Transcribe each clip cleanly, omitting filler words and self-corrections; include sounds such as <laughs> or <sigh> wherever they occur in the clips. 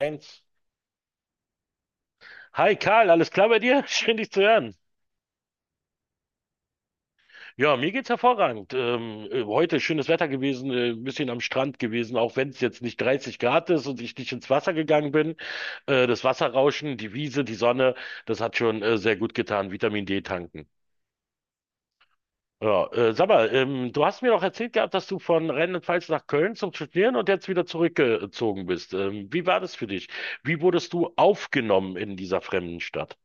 Eins. Hi Karl, alles klar bei dir? <laughs> Schön dich zu hören. Ja, mir geht's hervorragend. Heute schönes Wetter gewesen, ein bisschen am Strand gewesen, auch wenn es jetzt nicht 30 Grad ist und ich nicht ins Wasser gegangen bin. Das Wasserrauschen, die Wiese, die Sonne, das hat schon sehr gut getan. Vitamin D tanken. Ja, sag mal, du hast mir doch erzählt gehabt, dass du von Rheinland-Pfalz nach Köln zum Studieren und jetzt wieder zurückgezogen bist. Wie war das für dich? Wie wurdest du aufgenommen in dieser fremden Stadt?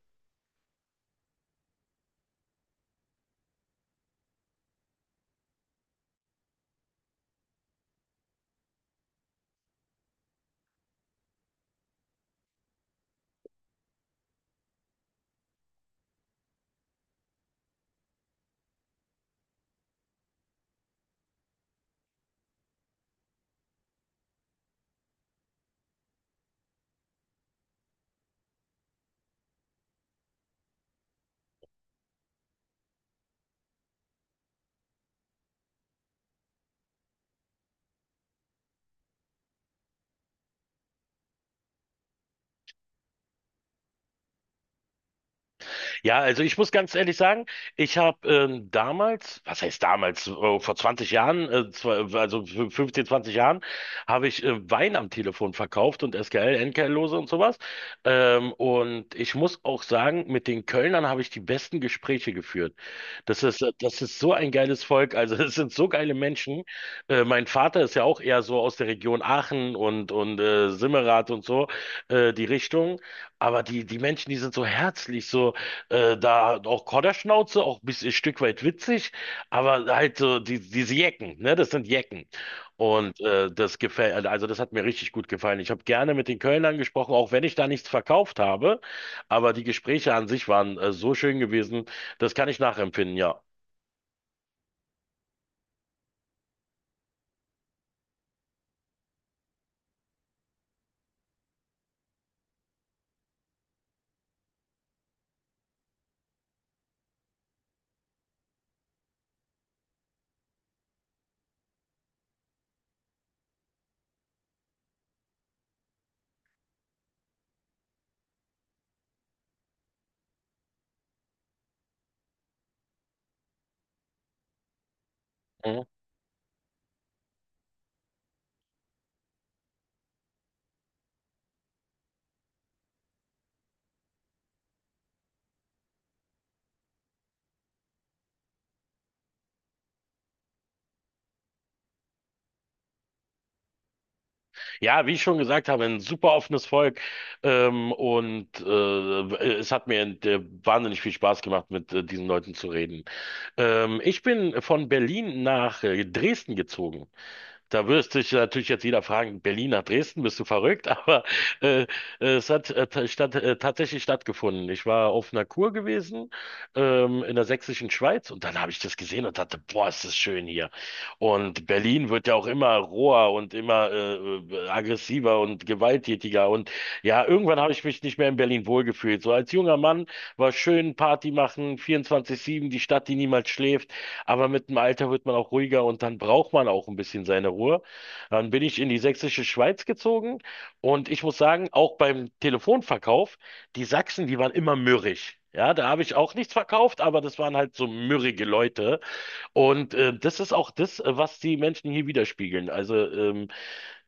Ja, also ich muss ganz ehrlich sagen, ich habe damals, was heißt damals, vor 20 Jahren, 15, 20 Jahren, habe ich Wein am Telefon verkauft und SKL, NKL-Lose und sowas. Und ich muss auch sagen, mit den Kölnern habe ich die besten Gespräche geführt. Das ist so ein geiles Volk, also <laughs> es sind so geile Menschen. Mein Vater ist ja auch eher so aus der Region Aachen und Simmerath und so, die Richtung. Aber die Menschen, die sind so herzlich, so. Da auch Kodderschnauze, auch ein bisschen ein Stück weit witzig, aber halt diese Jecken, ne, das sind Jecken. Und das gefällt, also das hat mir richtig gut gefallen. Ich habe gerne mit den Kölnern gesprochen, auch wenn ich da nichts verkauft habe, aber die Gespräche an sich waren so schön gewesen, das kann ich nachempfinden, ja. Mhm. Ja, wie ich schon gesagt habe, ein super offenes Volk. Es hat mir wahnsinnig viel Spaß gemacht, mit diesen Leuten zu reden. Ich bin von Berlin nach Dresden gezogen. Da wirst dich natürlich jetzt jeder fragen, Berlin nach Dresden, bist du verrückt? <laughs> Aber äh, es hat ta- statt, tatsächlich stattgefunden. Ich war auf einer Kur gewesen in der sächsischen Schweiz und dann habe ich das gesehen und dachte, boah, ist das schön hier. Und Berlin wird ja auch immer roher und immer aggressiver und gewalttätiger. Und ja, irgendwann habe ich mich nicht mehr in Berlin wohlgefühlt. So als junger Mann war schön Party machen, 24-7, die Stadt, die niemals schläft. Aber mit dem Alter wird man auch ruhiger und dann braucht man auch ein bisschen seine Ruhe. Dann bin ich in die sächsische Schweiz gezogen und ich muss sagen, auch beim Telefonverkauf, die Sachsen, die waren immer mürrisch. Ja, da habe ich auch nichts verkauft, aber das waren halt so mürrige Leute. Und das ist auch das, was die Menschen hier widerspiegeln. Also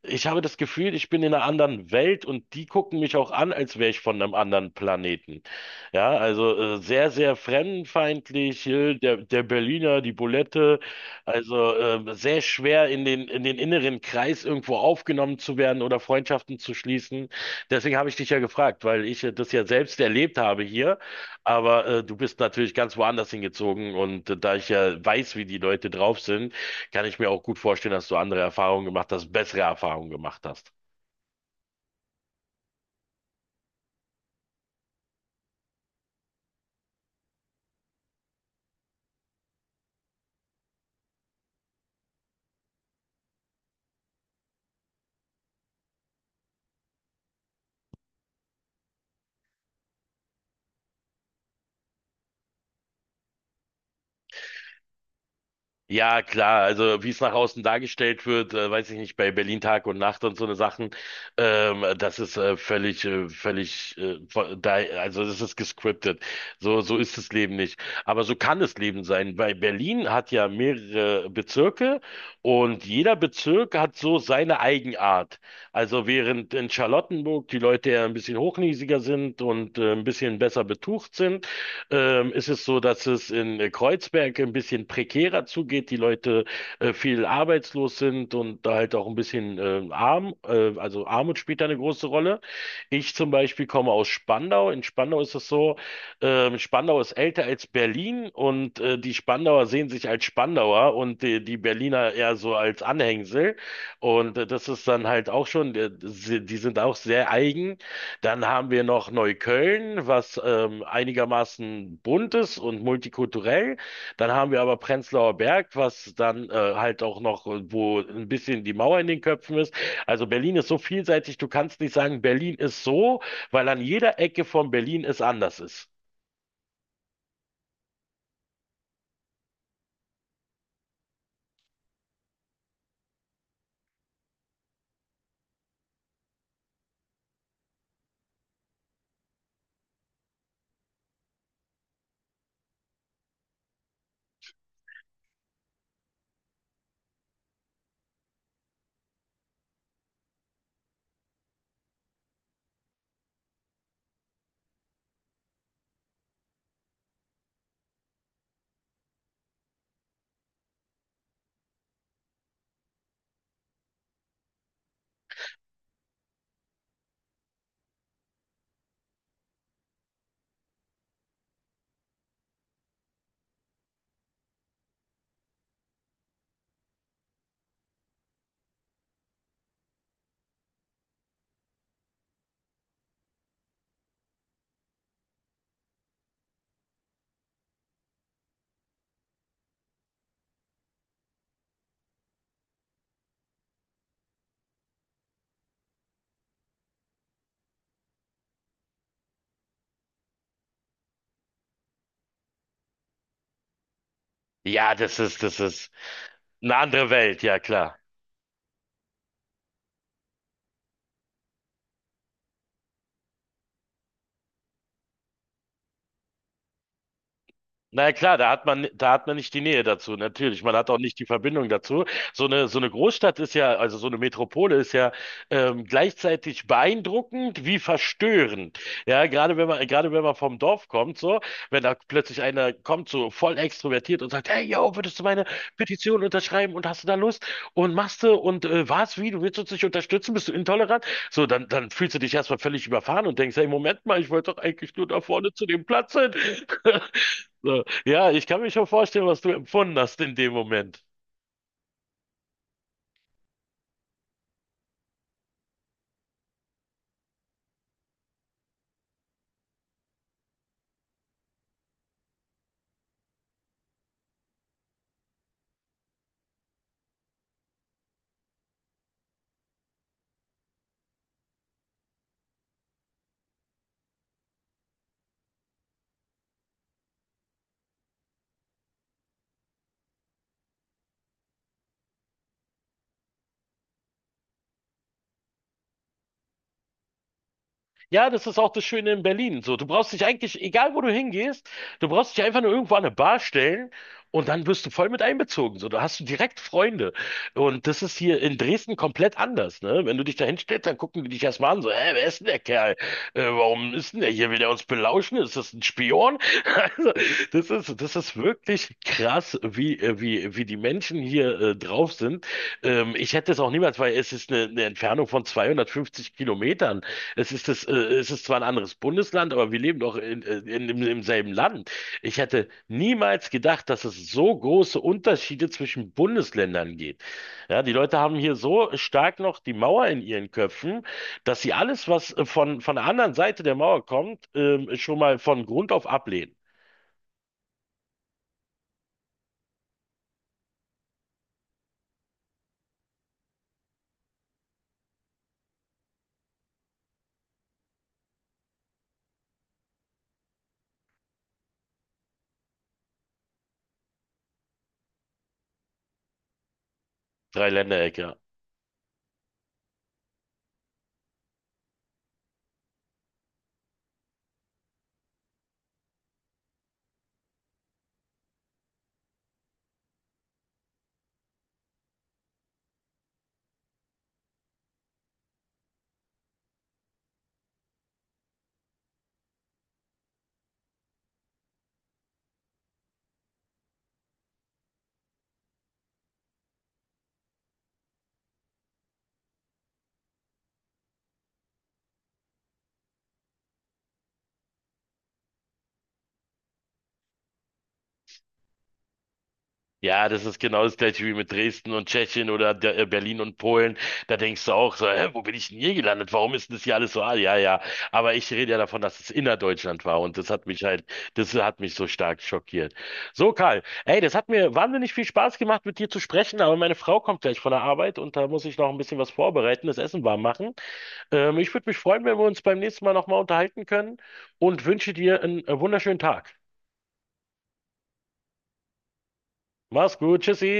ich habe das Gefühl, ich bin in einer anderen Welt und die gucken mich auch an, als wäre ich von einem anderen Planeten. Ja, also sehr, sehr fremdenfeindlich, der Berliner, die Bulette, also sehr schwer in in den inneren Kreis irgendwo aufgenommen zu werden oder Freundschaften zu schließen. Deswegen habe ich dich ja gefragt, weil ich das ja selbst erlebt habe hier, aber du bist natürlich ganz woanders hingezogen und da ich ja weiß, wie die Leute drauf sind, kann ich mir auch gut vorstellen, dass du andere Erfahrungen gemacht hast, bessere Erfahrungen gemacht hast. Ja, klar, also wie es nach außen dargestellt wird, weiß ich nicht, bei Berlin Tag und Nacht und so eine Sachen, das ist völlig, völlig, vo- da, also das ist gescriptet. So, so ist das Leben nicht. Aber so kann das Leben sein, weil Berlin hat ja mehrere Bezirke und jeder Bezirk hat so seine Eigenart. Also während in Charlottenburg die Leute ja ein bisschen hochnäsiger sind und ein bisschen besser betucht sind, ist es so, dass es in Kreuzberg ein bisschen prekärer zugeht, die Leute viel arbeitslos sind und da halt auch ein bisschen also Armut spielt da eine große Rolle. Ich zum Beispiel komme aus Spandau. In Spandau ist es so, Spandau ist älter als Berlin und die Spandauer sehen sich als Spandauer und die Berliner eher so als Anhängsel. Und das ist dann halt auch schon, sie- die sind auch sehr eigen. Dann haben wir noch Neukölln, was einigermaßen bunt ist und multikulturell. Dann haben wir aber Prenzlauer Berg, was dann wo ein bisschen die Mauer in den Köpfen ist. Also Berlin ist so vielseitig, du kannst nicht sagen, Berlin ist so, weil an jeder Ecke von Berlin es anders ist. Ja, das ist eine andere Welt, ja klar. Na ja, klar, da hat man nicht die Nähe dazu, natürlich. Man hat auch nicht die Verbindung dazu. So eine Großstadt ist ja, also so eine Metropole ist ja gleichzeitig beeindruckend wie verstörend. Ja, gerade wenn man vom Dorf kommt, so, wenn da plötzlich einer kommt, so voll extrovertiert und sagt, hey, yo, würdest du meine Petition unterschreiben und hast du da Lust und machst du und was, wie, du willst uns nicht unterstützen, bist du intolerant? So, dann fühlst du dich erstmal völlig überfahren und denkst, hey, Moment mal, ich wollte doch eigentlich nur da vorne zu dem Platz hin. <laughs> So, ja, ich kann mir schon vorstellen, was du empfunden hast in dem Moment. Ja, das ist auch das Schöne in Berlin. So, du brauchst dich eigentlich, egal wo du hingehst, du brauchst dich einfach nur irgendwo an eine Bar stellen und dann wirst du voll mit einbezogen. So, da hast du direkt Freunde. Und das ist hier in Dresden komplett anders, ne? Wenn du dich da hinstellst, dann gucken die dich erstmal an, so, hä, wer ist denn der Kerl? Warum ist denn der hier? Will der uns belauschen? Ist das ein Spion? <laughs> Also, das ist wirklich krass, wie die Menschen hier drauf sind. Ich hätte es auch niemals, weil es ist eine Entfernung von 250 Kilometern. Es ist zwar ein anderes Bundesland, aber wir leben doch im selben Land. Ich hätte niemals gedacht, dass es so große Unterschiede zwischen Bundesländern geht. Ja, die Leute haben hier so stark noch die Mauer in ihren Köpfen, dass sie alles, was von der anderen Seite der Mauer kommt, schon mal von Grund auf ablehnen. Dreiländerecke. Ja, das ist genau das gleiche wie mit Dresden und Tschechien oder der, Berlin und Polen. Da denkst du auch so, hä, wo bin ich denn hier gelandet? Warum ist denn das hier alles so? Ah, ja, ja. Aber ich rede ja davon, dass es innerdeutschland war und das hat mich so stark schockiert. So, Karl, ey, das hat mir wahnsinnig viel Spaß gemacht, mit dir zu sprechen, aber meine Frau kommt gleich von der Arbeit und da muss ich noch ein bisschen was vorbereiten, das Essen warm machen. Ich würde mich freuen, wenn wir uns beim nächsten Mal nochmal unterhalten können und wünsche dir einen wunderschönen Tag. Mach's gut, tschüssi.